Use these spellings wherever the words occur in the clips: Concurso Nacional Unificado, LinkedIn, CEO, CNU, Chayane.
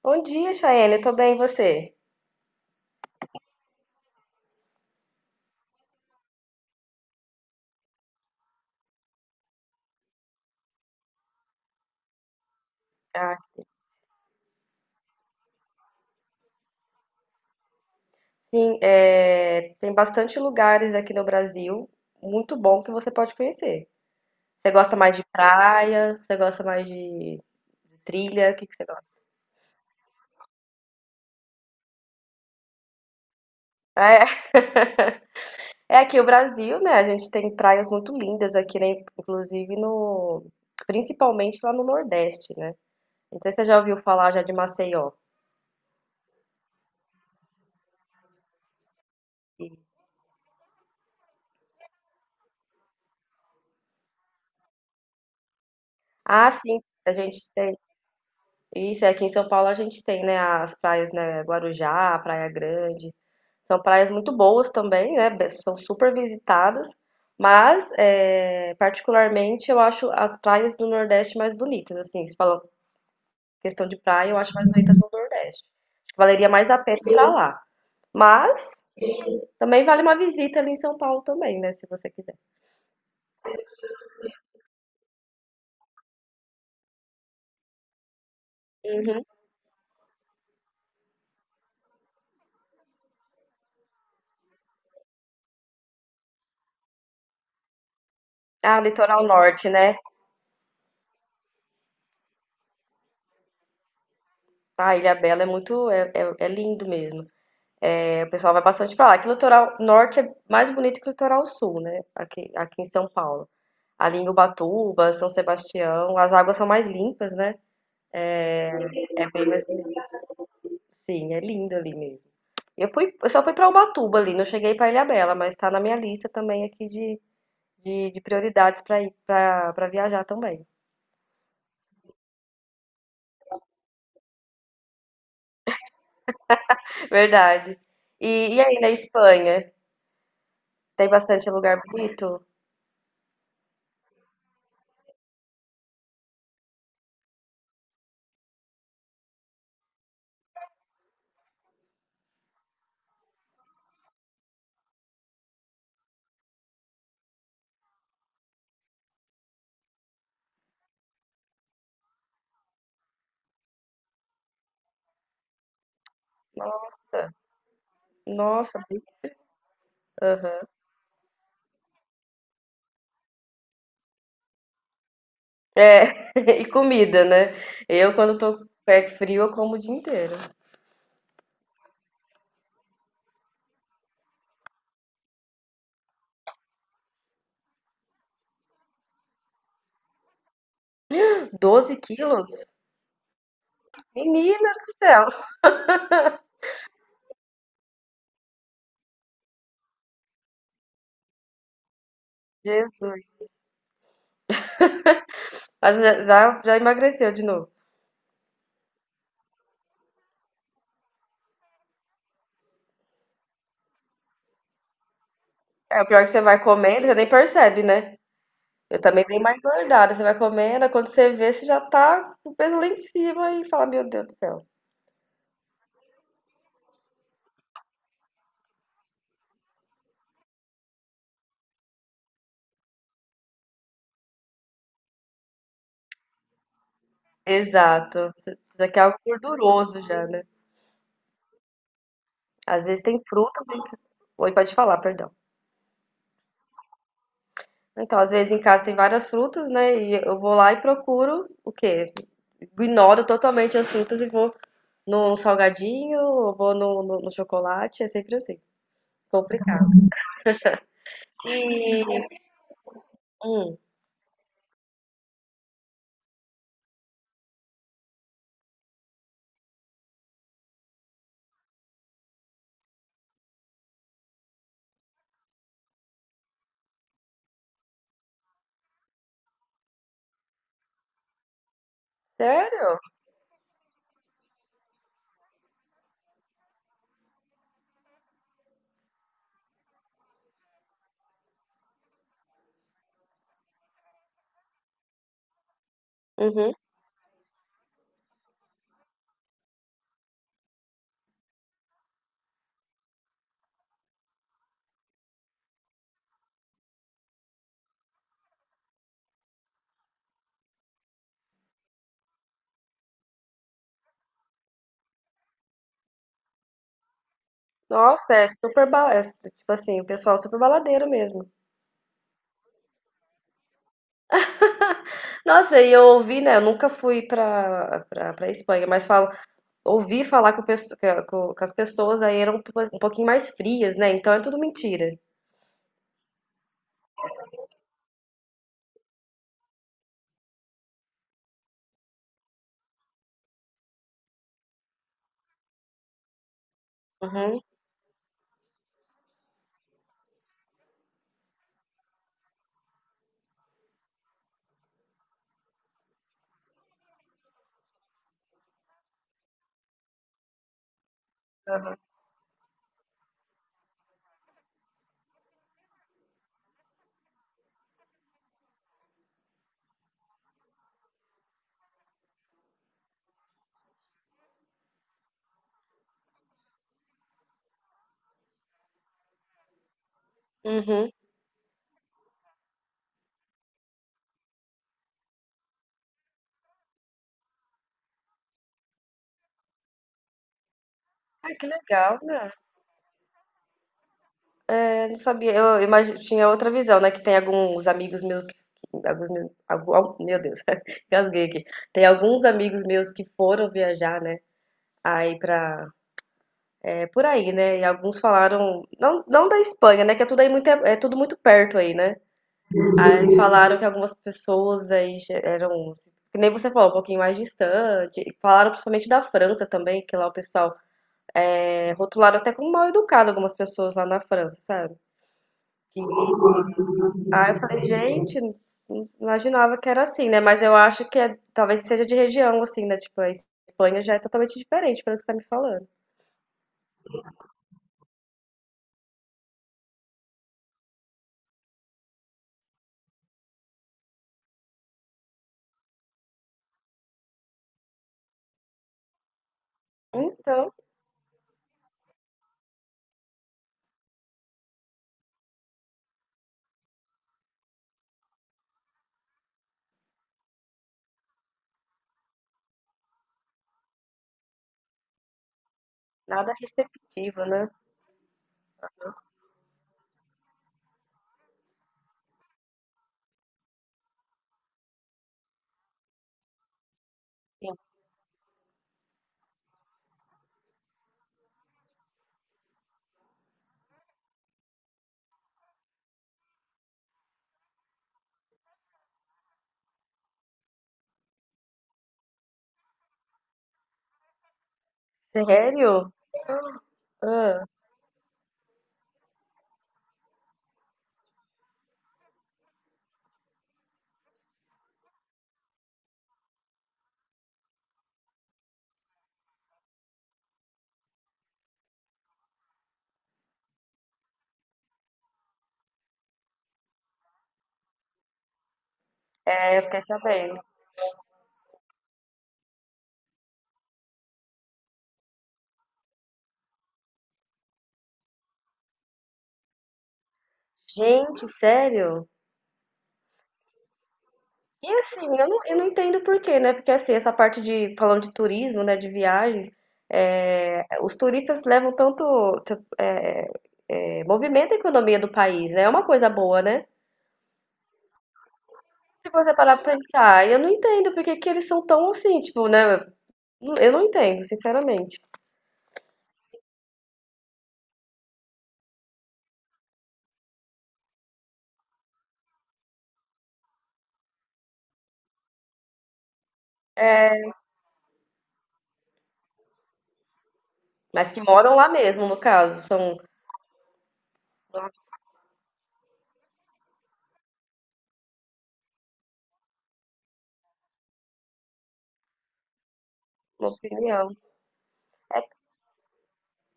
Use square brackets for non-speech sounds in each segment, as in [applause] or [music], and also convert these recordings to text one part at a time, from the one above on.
Bom dia, Chayane. Tô bem, e você? Ah, sim, é, tem bastante lugares aqui no Brasil muito bom que você pode conhecer. Você gosta mais de praia? Você gosta mais de trilha? O que que você gosta? É, [laughs] é aqui o Brasil, né? A gente tem praias muito lindas aqui, né? Inclusive no, Principalmente lá no Nordeste, né? Não sei se você já ouviu falar já de Maceió. Ah, sim, a gente. Isso, aqui em São Paulo a gente tem, né, as praias, né, Guarujá, Praia Grande. São praias muito boas também, né? São super visitadas, mas é, particularmente eu acho as praias do Nordeste mais bonitas. Assim, se falar questão de praia, eu acho mais bonitas do Nordeste. Acho que valeria mais a pena ir pra lá. Mas também vale uma visita ali em São Paulo também, né? Se você quiser. Uhum. Ah, o litoral norte, né? Ah, Ilhabela é muito, é lindo mesmo. O pessoal vai bastante pra lá. Que o litoral norte é mais bonito que o litoral sul, né? Aqui em São Paulo. Ali em Ubatuba, São Sebastião, as águas são mais limpas, né? É, é bem mais bonito. Sim, é lindo ali mesmo. Eu fui, eu só fui pra Ubatuba ali, não cheguei pra Ilhabela, mas tá na minha lista também aqui de prioridades pra ir pra, pra viajar também. [laughs] Verdade. E aí na Espanha? Tem bastante lugar bonito? Nossa, nossa. Aham. É, [laughs] e comida, né? Eu, quando tô com o pé frio, eu como o dia inteiro. Doze quilos? Menina do céu! Jesus! Mas já emagreceu de novo. É, o pior é que você vai comendo, você nem percebe, né? Eu também dei mais engordada. Você vai comendo, aí quando você vê, você já tá com o peso lá em cima e fala, meu Deus do céu. Exato. Já que é algo gorduroso já, né? Às vezes tem frutas e... Oi, pode falar, perdão. Então, às vezes em casa tem várias frutas, né? E eu vou lá e procuro o quê? Ignoro totalmente as frutas e vou no salgadinho, ou vou no chocolate, é sempre assim. Complicado. E, hum, sério? Uhum. Nossa, é super ba... é, tipo assim, o pessoal super baladeiro mesmo. Nossa, e eu ouvi, né? Eu nunca fui pra Espanha, mas falo, ouvi falar que, o pesso- que a- que o- que as pessoas aí eram um pouquinho mais frias, né? Então é tudo mentira. Uhum. Uhum. Ai, que legal, né? É, eu não sabia, tinha outra visão, né? Que tem alguns amigos meus que. Alguns meus, algum- al- Meu Deus, [laughs] gasguei aqui. Tem alguns amigos meus que foram viajar, né? Aí pra. É por aí, né? E alguns falaram. Não, não da Espanha, né? Que é tudo aí muito, é tudo muito perto aí, né? Aí falaram que algumas pessoas aí já eram, assim, que nem você falou, um pouquinho mais distante. Falaram principalmente da França também, que lá o pessoal é, rotularam até como mal educado algumas pessoas lá na França, sabe? Ah, eu falei, gente, não imaginava que era assim, né? Mas eu acho que talvez seja de região, assim, né? Tipo, a Espanha já é totalmente diferente pelo que você tá me falando. Então, nada receptivo, né? Sim. Sério? Ah, é, eu fiquei sabendo. Gente, sério? E assim, eu não entendo por quê, né? Porque assim, essa parte de, falando de turismo, né, de viagens, é, os turistas levam tanto, t- é, movimento a economia do país, né? É uma coisa boa, né? Se você parar pra pensar, eu não entendo porque que eles são tão assim, tipo, né? Eu não entendo, sinceramente. É, mas que moram lá mesmo, no caso, são uma uma opinião.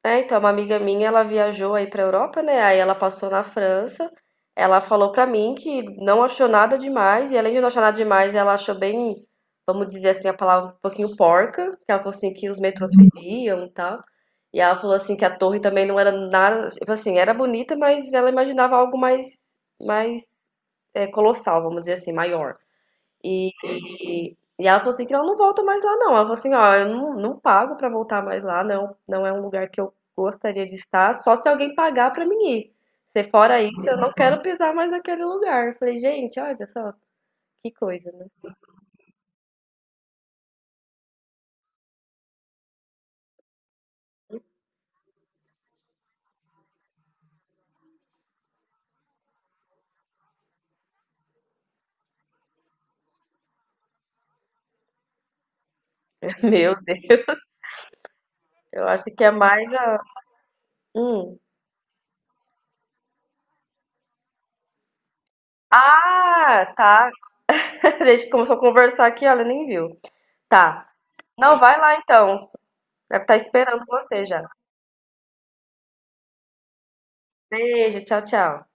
É, então, uma amiga minha, ela viajou aí pra Europa, né? Aí ela passou na França. Ela falou pra mim que não achou nada demais, e além de não achar nada demais, ela achou bem, vamos dizer assim, a palavra um pouquinho porca, que ela falou assim que os metrôs fediam e tal. E ela falou assim que a torre também não era nada, tipo assim, era bonita, mas ela imaginava algo mais mais é, colossal, vamos dizer assim, maior. E, ela falou assim que ela não volta mais lá, não. Ela falou assim, ó, eu não, não pago pra voltar mais lá, não, não é um lugar que eu gostaria de estar, só se alguém pagar pra mim ir. Se fora isso, eu não quero pisar mais naquele lugar. Eu falei, gente, olha só, que coisa, né? [laughs] Meu Deus, eu acho que é mais a. Hum. Ah, tá. [laughs] A gente começou a conversar aqui, olha, nem viu. Tá. Não, vai lá então. Deve estar esperando você já. Beijo, tchau, tchau.